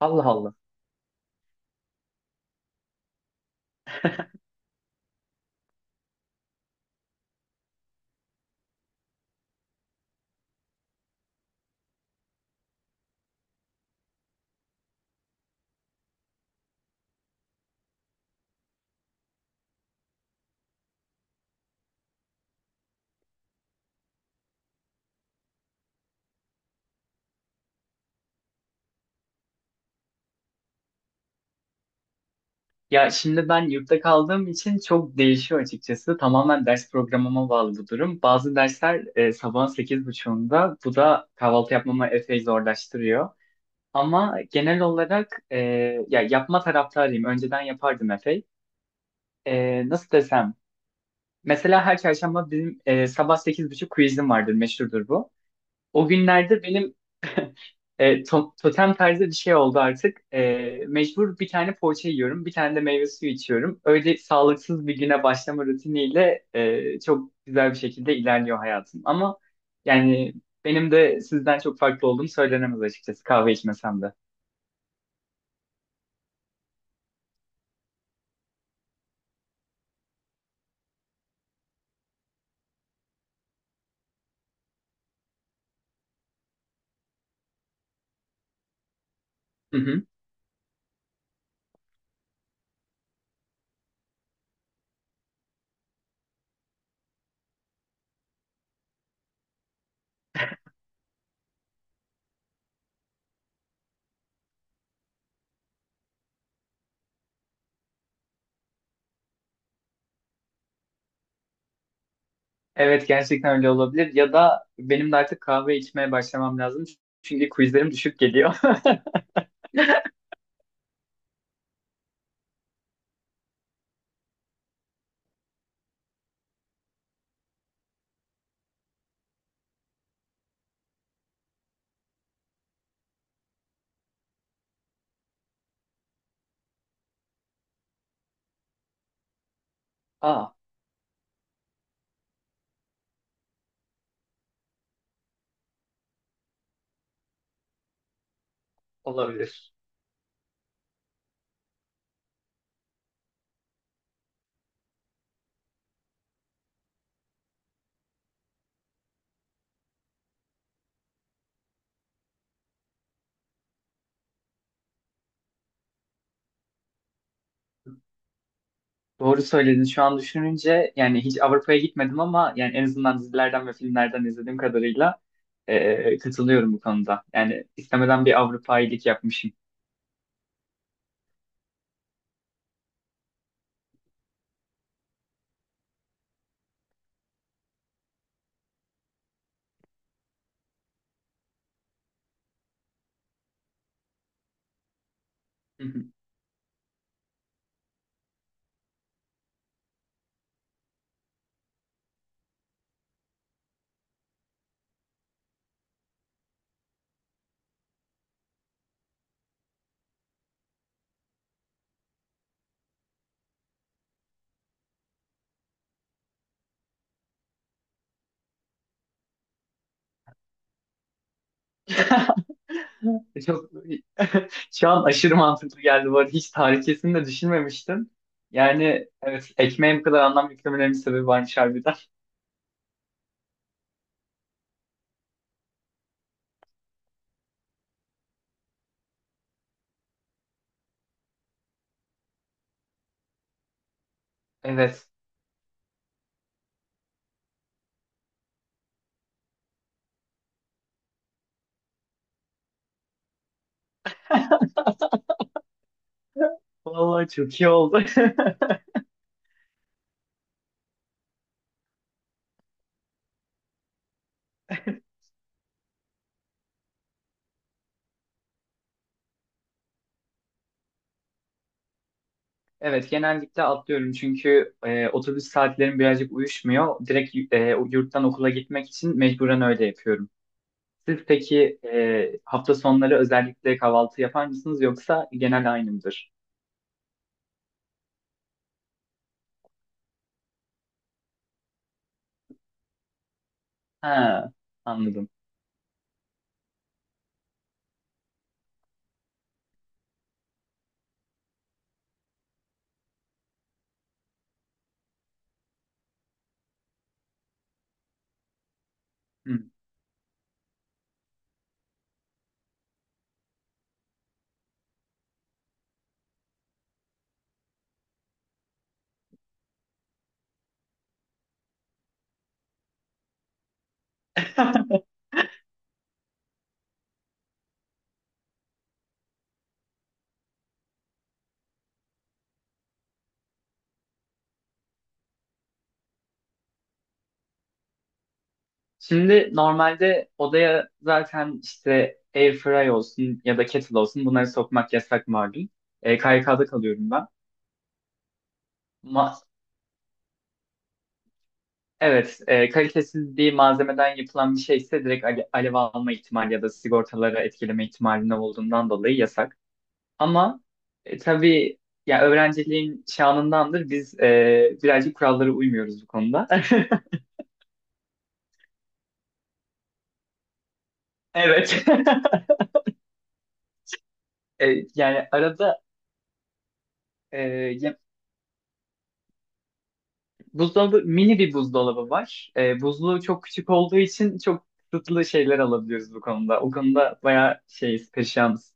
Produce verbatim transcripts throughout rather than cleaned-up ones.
Allah Allah. Ya şimdi ben yurtta kaldığım için çok değişiyor açıkçası. Tamamen ders programıma bağlı bu durum. Bazı dersler e, sabahın sekiz otuzunda. Bu da kahvaltı yapmamı epey zorlaştırıyor. Ama genel olarak e, ya yapma taraftarıyım. Önceden yapardım epey. E, nasıl desem? Mesela her çarşamba bizim e, sabah sekiz buçuk quizim vardır. Meşhurdur bu. O günlerde benim e, to- totem tarzı bir şey oldu artık. E, mecbur bir tane poğaça yiyorum, bir tane de meyve suyu içiyorum. Öyle sağlıksız bir güne başlama rutiniyle e, çok güzel bir şekilde ilerliyor hayatım. Ama yani benim de sizden çok farklı olduğum söylenemez açıkçası kahve içmesem de. Hı hı. Evet, gerçekten öyle olabilir. Ya da benim de artık kahve içmeye başlamam lazım. Çünkü quizlerim düşük geliyor. Aa, olabilir. Doğru söyledin. Şu an düşününce yani hiç Avrupa'ya gitmedim ama yani en azından dizilerden ve filmlerden izlediğim kadarıyla e, katılıyorum bu konuda. Yani istemeden bir Avrupa iyilik yapmışım. Hı hı. Çok şu an aşırı mantıklı geldi bu arada. Hiç tarihçesini de düşünmemiştim. Yani evet, ekmeğe bu kadar anlam yüklemelerinin sebebi varmış harbiden. Evet. Vallahi çok iyi oldu. Evet, genellikle atlıyorum çünkü e, otobüs saatlerim birazcık uyuşmuyor. Direkt e, yurttan okula gitmek için mecburen öyle yapıyorum. Siz peki e, hafta sonları özellikle kahvaltı yapar mısınız yoksa genel aynı mıdır? Ha, anladım. Hı. Şimdi normalde odaya zaten işte airfryer olsun ya da kettle olsun bunları sokmak yasak malum. E, K Y K'da kalıyorum ben. Ma- Evet, e, kalitesiz bir malzemeden yapılan bir şeyse direkt ale- alev alma ihtimali ya da sigortaları etkileme ihtimalinde olduğundan dolayı yasak. Ama e, tabii ya, öğrenciliğin şanındandır, biz e, birazcık kurallara uymuyoruz bu konuda. Evet. E, Yani arada e, ya- buzdolabı mini bir buzdolabı var. E, buzluğu çok küçük olduğu için çok kısıtlı şeyler alabiliyoruz bu konuda. O konuda bayağı şeyiz, perişanız.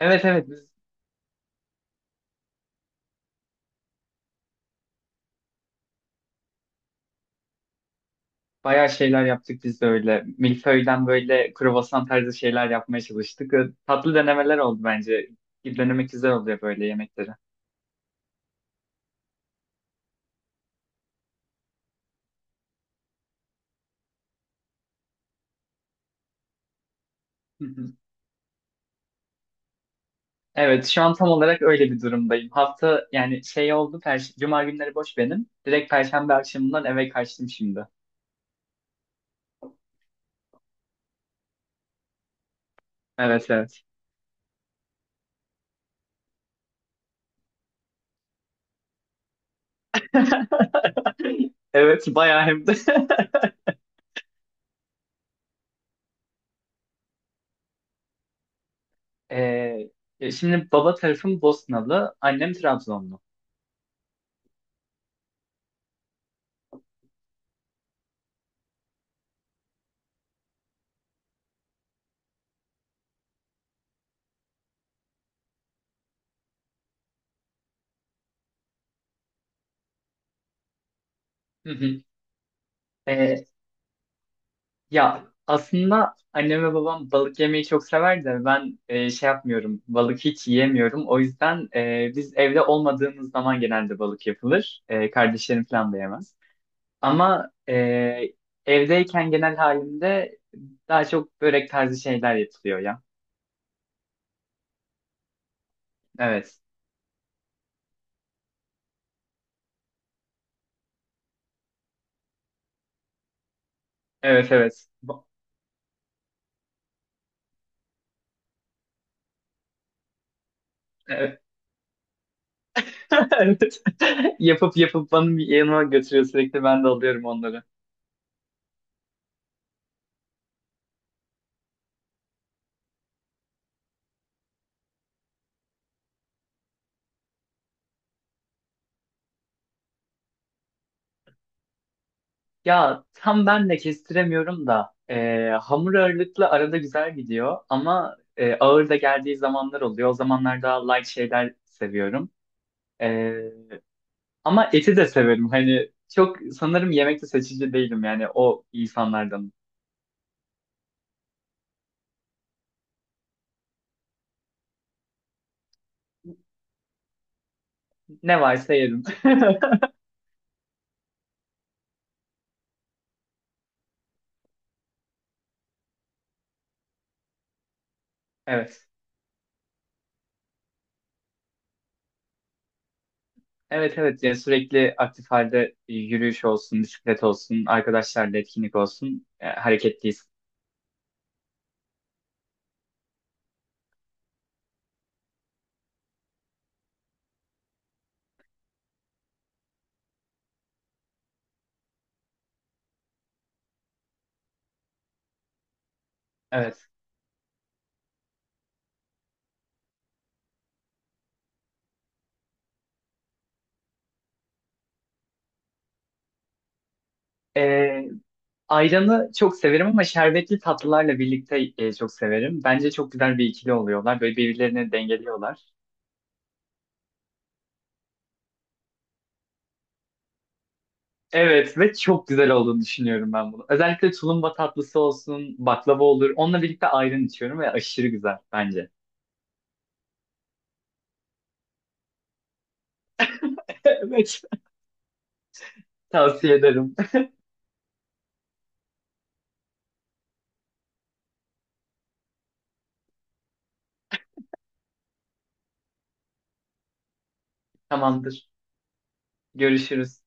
Evet, evet. Bayağı şeyler yaptık biz de öyle. Milföy'den böyle kruvasan tarzı şeyler yapmaya çalıştık. Ee, Tatlı denemeler oldu bence. Denemek güzel oluyor böyle yemekleri. Hı hı. Evet, şu an tam olarak öyle bir durumdayım. Hafta yani şey oldu, per Cuma günleri boş benim. Direkt Perşembe akşamından eve kaçtım şimdi. Evet, evet. Evet, bayağı hem de. Ee, şimdi baba tarafım Bosnalı, annem Trabzonlu. Hı hı. Ee, Ya aslında annem ve babam balık yemeyi çok sever de ben e, şey yapmıyorum. Balık hiç yiyemiyorum. O yüzden e, biz evde olmadığımız zaman genelde balık yapılır. E, kardeşlerim falan da yemez. Ama e, evdeyken genel halimde daha çok börek tarzı şeyler yapılıyor ya. Evet. Evet, evet. Ba- Evet. Evet. Yapıp yapıp bana bir yanıma götürüyor sürekli, ben de alıyorum onları. Ya tam ben de kestiremiyorum da e, hamur ağırlıklı arada güzel gidiyor ama e, ağır da geldiği zamanlar oluyor. O zamanlar daha light şeyler seviyorum. E, Ama eti de severim. Hani çok sanırım yemekte seçici değilim yani o insanlardan. Ne varsa yerim. Evet. Evet, evet, yani sürekli aktif halde, yürüyüş olsun, bisiklet olsun, arkadaşlarla etkinlik olsun, e, hareketliyiz. Evet. Ee, Ayranı çok severim ama şerbetli tatlılarla birlikte e, çok severim. Bence çok güzel bir ikili oluyorlar. Böyle birbirlerini dengeliyorlar. Evet ve çok güzel olduğunu düşünüyorum ben bunu. Özellikle tulumba tatlısı olsun, baklava olur. Onunla birlikte ayran içiyorum ve aşırı güzel bence. Evet. Tavsiye ederim. Tamamdır. Görüşürüz.